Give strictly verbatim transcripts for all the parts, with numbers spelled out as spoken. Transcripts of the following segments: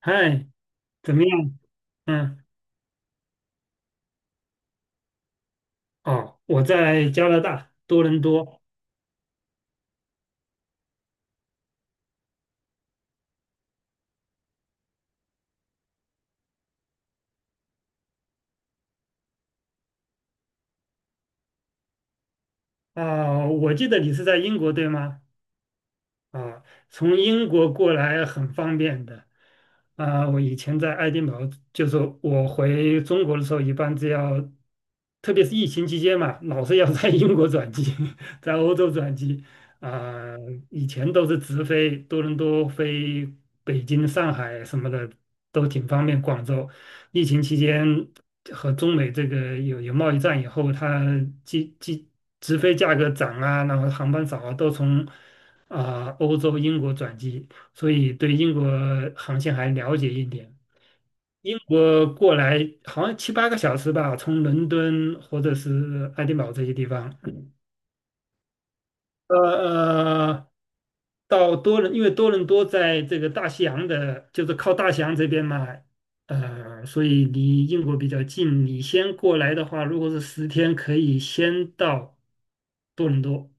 嗨，怎么样？嗯。哦，我在加拿大多伦多。啊，我记得你是在英国对吗？啊，从英国过来很方便的。啊，我以前在爱丁堡，就是我回中国的时候，一般只要，特别是疫情期间嘛，老是要在英国转机，在欧洲转机。啊，以前都是直飞多伦多、飞北京、上海什么的，都挺方便。广州，疫情期间和中美这个有有贸易战以后，它机机直飞价格涨啊，然后航班少啊，都从。啊、欧洲英国转机，所以对英国航线还了解一点。英国过来好像七八个小时吧，从伦敦或者是爱丁堡这些地方。呃呃，到多伦，因为多伦多在这个大西洋的，就是靠大西洋这边嘛，呃，所以离英国比较近。你先过来的话，如果是十天，可以先到多伦多，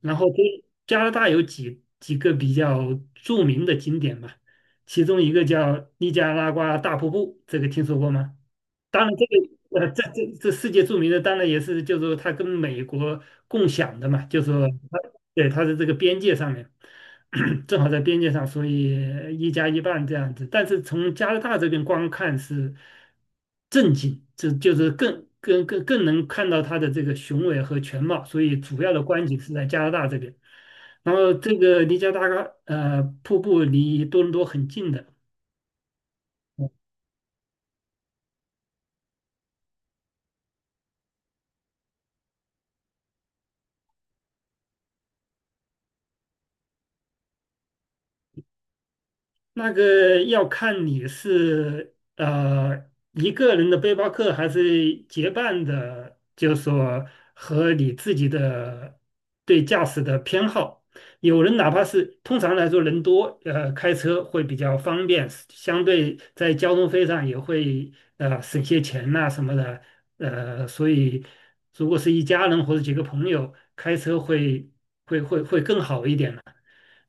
然后多加拿大有几几个比较著名的景点嘛，其中一个叫尼加拉瓜大瀑布，这个听说过吗？当然，这个呃，这这这世界著名的，当然也是，就是说它跟美国共享的嘛，就是说它对它的这个边界上面，正好在边界上，所以一加一半这样子。但是从加拿大这边观看是正经，这就是更更更更能看到它的这个雄伟和全貌，所以主要的观景是在加拿大这边。然后这个离加拿大呃瀑布离多伦多很近的。那个要看你是呃一个人的背包客，还是结伴的，就是说和你自己的对驾驶的偏好。有人哪怕是通常来说人多，呃，开车会比较方便，相对在交通费上也会呃省些钱呐、什么的，呃，所以如果是一家人或者几个朋友开车会会会会更好一点呢。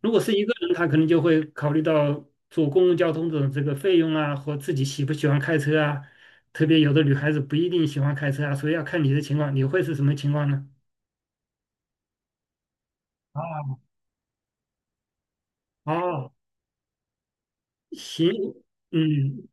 如果是一个人，他可能就会考虑到坐公共交通的这个费用啊，和自己喜不喜欢开车啊。特别有的女孩子不一定喜欢开车啊，所以要看你的情况，你会是什么情况呢？哦，行。嗯。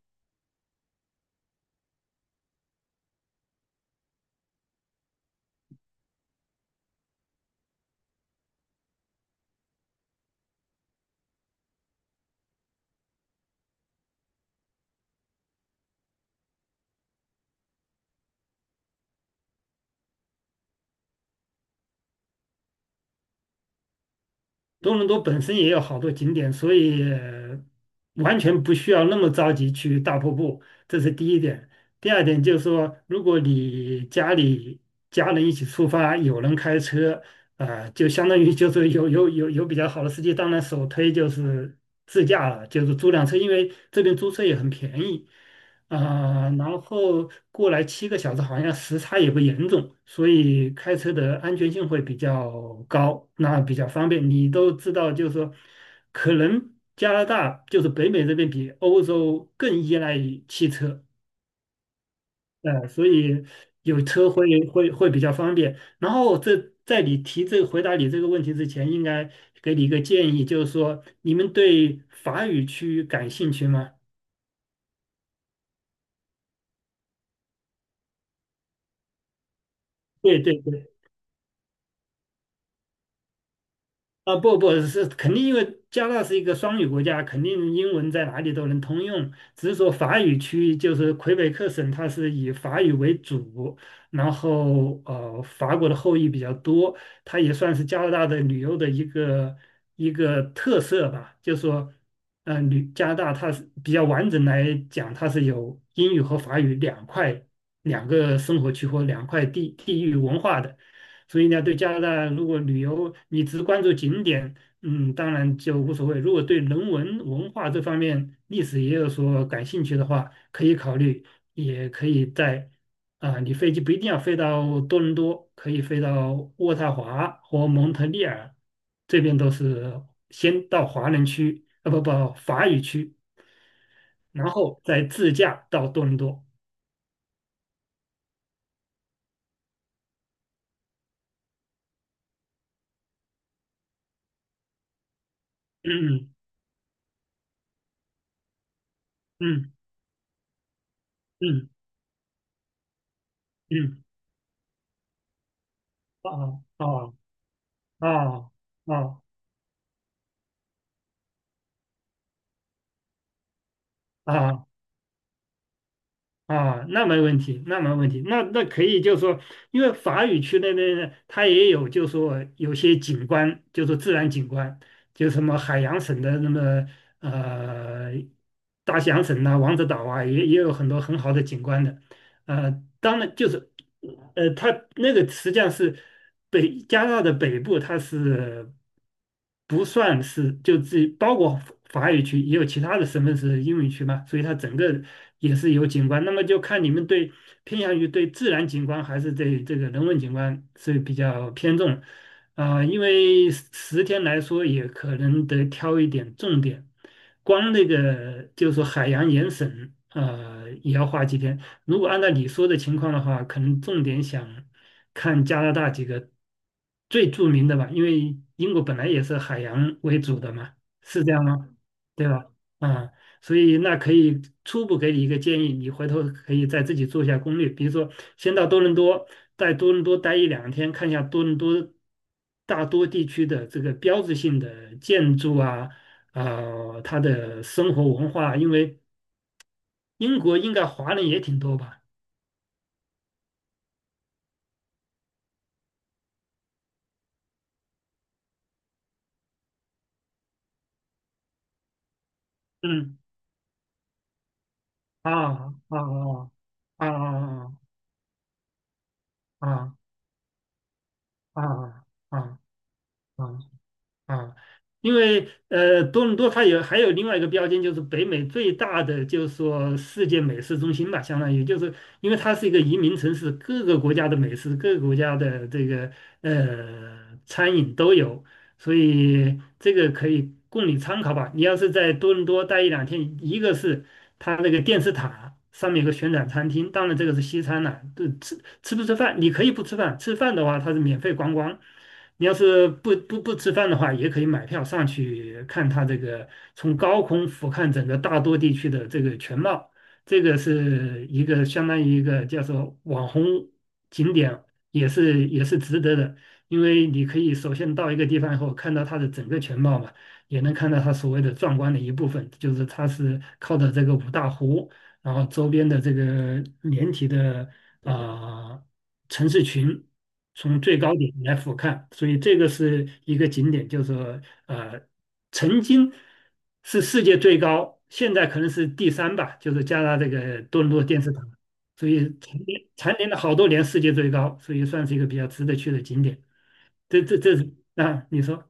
多伦多本身也有好多景点，所以呃完全不需要那么着急去大瀑布，这是第一点。第二点就是说，如果你家里家人一起出发，有人开车，啊、就相当于就是有有有有比较好的司机，当然首推就是自驾了，就是租辆车，因为这边租车也很便宜。啊、然后过来七个小时，好像时差也不严重，所以开车的安全性会比较高，那比较方便。你都知道，就是说，可能加拿大就是北美这边比欧洲更依赖于汽车，呃，所以有车会会会比较方便。然后这在你提这回答你这个问题之前，应该给你一个建议，就是说，你们对法语区感兴趣吗？对对对。啊，不不是，肯定因为加拿大是一个双语国家，肯定英文在哪里都能通用。只是说法语区就是魁北克省，它是以法语为主，然后呃，法国的后裔比较多，它也算是加拿大的旅游的一个一个特色吧。就说，呃，旅加拿大它是比较完整来讲，它是有英语和法语两块两个生活区或两块地地域文化的。所以呢，对加拿大如果旅游你只关注景点，嗯，当然就无所谓。如果对人文文化这方面、历史也有所感兴趣的话，可以考虑，也可以在啊、你飞机不一定要飞到多伦多，可以飞到渥太华或蒙特利尔，这边都是先到华人区，啊不不，法语区，然后再自驾到多伦多。嗯嗯嗯嗯嗯。啊啊啊啊！啊啊，那没问题，那没问题，那那可以，就是说，因为法语区那边呢，它也有，就是说有些景观，就是说自然景观，就什么海洋省的那么呃大西洋省呐、王子岛啊，也也有很多很好的景观的，呃，当然就是，呃，它那个实际上是北加拿大的北部，它是不算是就自己包括法语区，也有其他的省份是英语区嘛，所以它整个也是有景观。那么就看你们对偏向于对自然景观还是对这个人文景观是比较偏重啊，因为十十天来说，也可能得挑一点重点。光那个就是说海洋盐省，呃，也要花几天。如果按照你说的情况的话，可能重点想看加拿大几个最著名的吧，因为英国本来也是海洋为主的嘛，是这样吗？对吧？啊，所以那可以初步给你一个建议，你回头可以再自己做一下攻略，比如说先到多伦多，在多伦多待一两天，看一下多伦多大多地区的这个标志性的建筑啊，啊，它的生活文化，因为英国应该华人也挺多吧。嗯。啊啊啊啊啊啊啊啊啊！啊。因为呃，多伦多它有还有另外一个标签，就是北美最大的，就是说世界美食中心吧，相当于就是因为它是一个移民城市，各个国家的美食，各个国家的这个呃餐饮都有，所以这个可以供你参考吧。你要是在多伦多待一两天，一个是它那个电视塔上面有个旋转餐厅，当然这个是西餐了，对，吃不吃饭，你可以不吃饭，吃饭的话它是免费观光。你要是不不不吃饭的话，也可以买票上去看它这个从高空俯瞰整个大多地区的这个全貌。这个是一个相当于一个叫做网红景点，也是也是值得的，因为你可以首先到一个地方以后，看到它的整个全貌嘛，也能看到它所谓的壮观的一部分，就是它是靠着这个五大湖。然后周边的这个连体的啊，城市群从最高点来俯瞰，所以这个是一个景点，就是说呃曾经是世界最高，现在可能是第三吧，就是加拿大这个多伦多电视塔，所以蝉联蝉联了好多年世界最高，所以算是一个比较值得去的景点。这这这是啊，你说。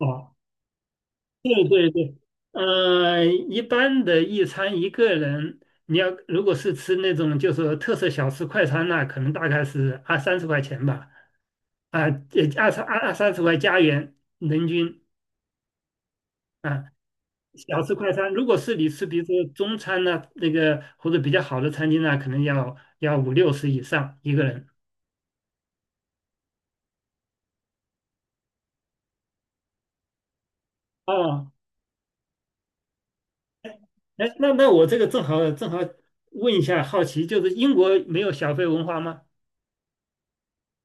哦，对对对。呃，一般的一餐一个人，你要如果是吃那种就是说特色小吃快餐那、可能大概是二三十块钱吧，啊，这二三二二三十块加元人均啊。小吃快餐，如果是你吃比如说中餐呢、那个或者比较好的餐厅呢、可能要要五六十以上一个人。哦，哎，那那我这个正好正好问一下，好奇就是英国没有小费文化吗？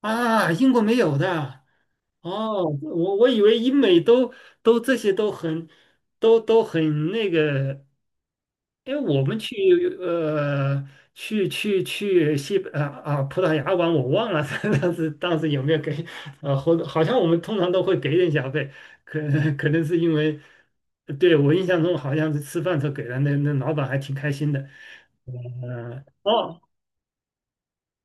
啊，英国没有的。哦，我我以为英美都都这些都很都都很那个，因为我们去呃去去去西啊啊葡萄牙玩，我忘了 当时当时有没有给呃，好好像我们通常都会给点小费，可可能是因为对我印象中好像是吃饭时候给了那那老板还挺开心的。呃哦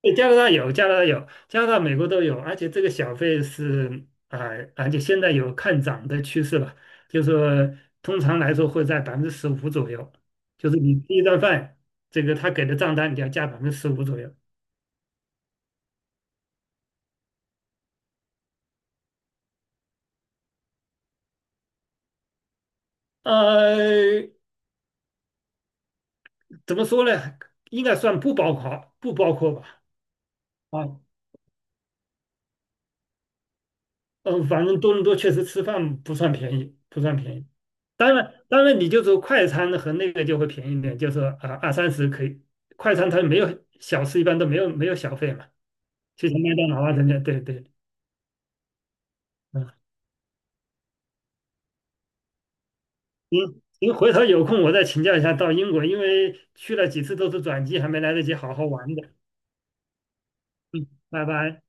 对，加拿大有，加拿大有，加拿大、美国都有，而且这个小费是啊、呃而且现在有看涨的趋势了，就是说通常来说会在百分之十五左右，就是你第一顿饭，这个他给的账单你要加百分之十五左右。呃，怎么说呢？应该算不包括，不包括吧？啊。嗯，反正多伦多确实吃饭不算便宜，不算便宜。当然，当然，你就说快餐和那个就会便宜一点，就是说啊二三十可以。快餐它没有小吃，一般都没有没有小费嘛，就像麦当劳啊等等，对对。嗯，您您回头有空我再请教一下到英国，因为去了几次都是转机，还没来得及好好玩的。嗯，拜拜。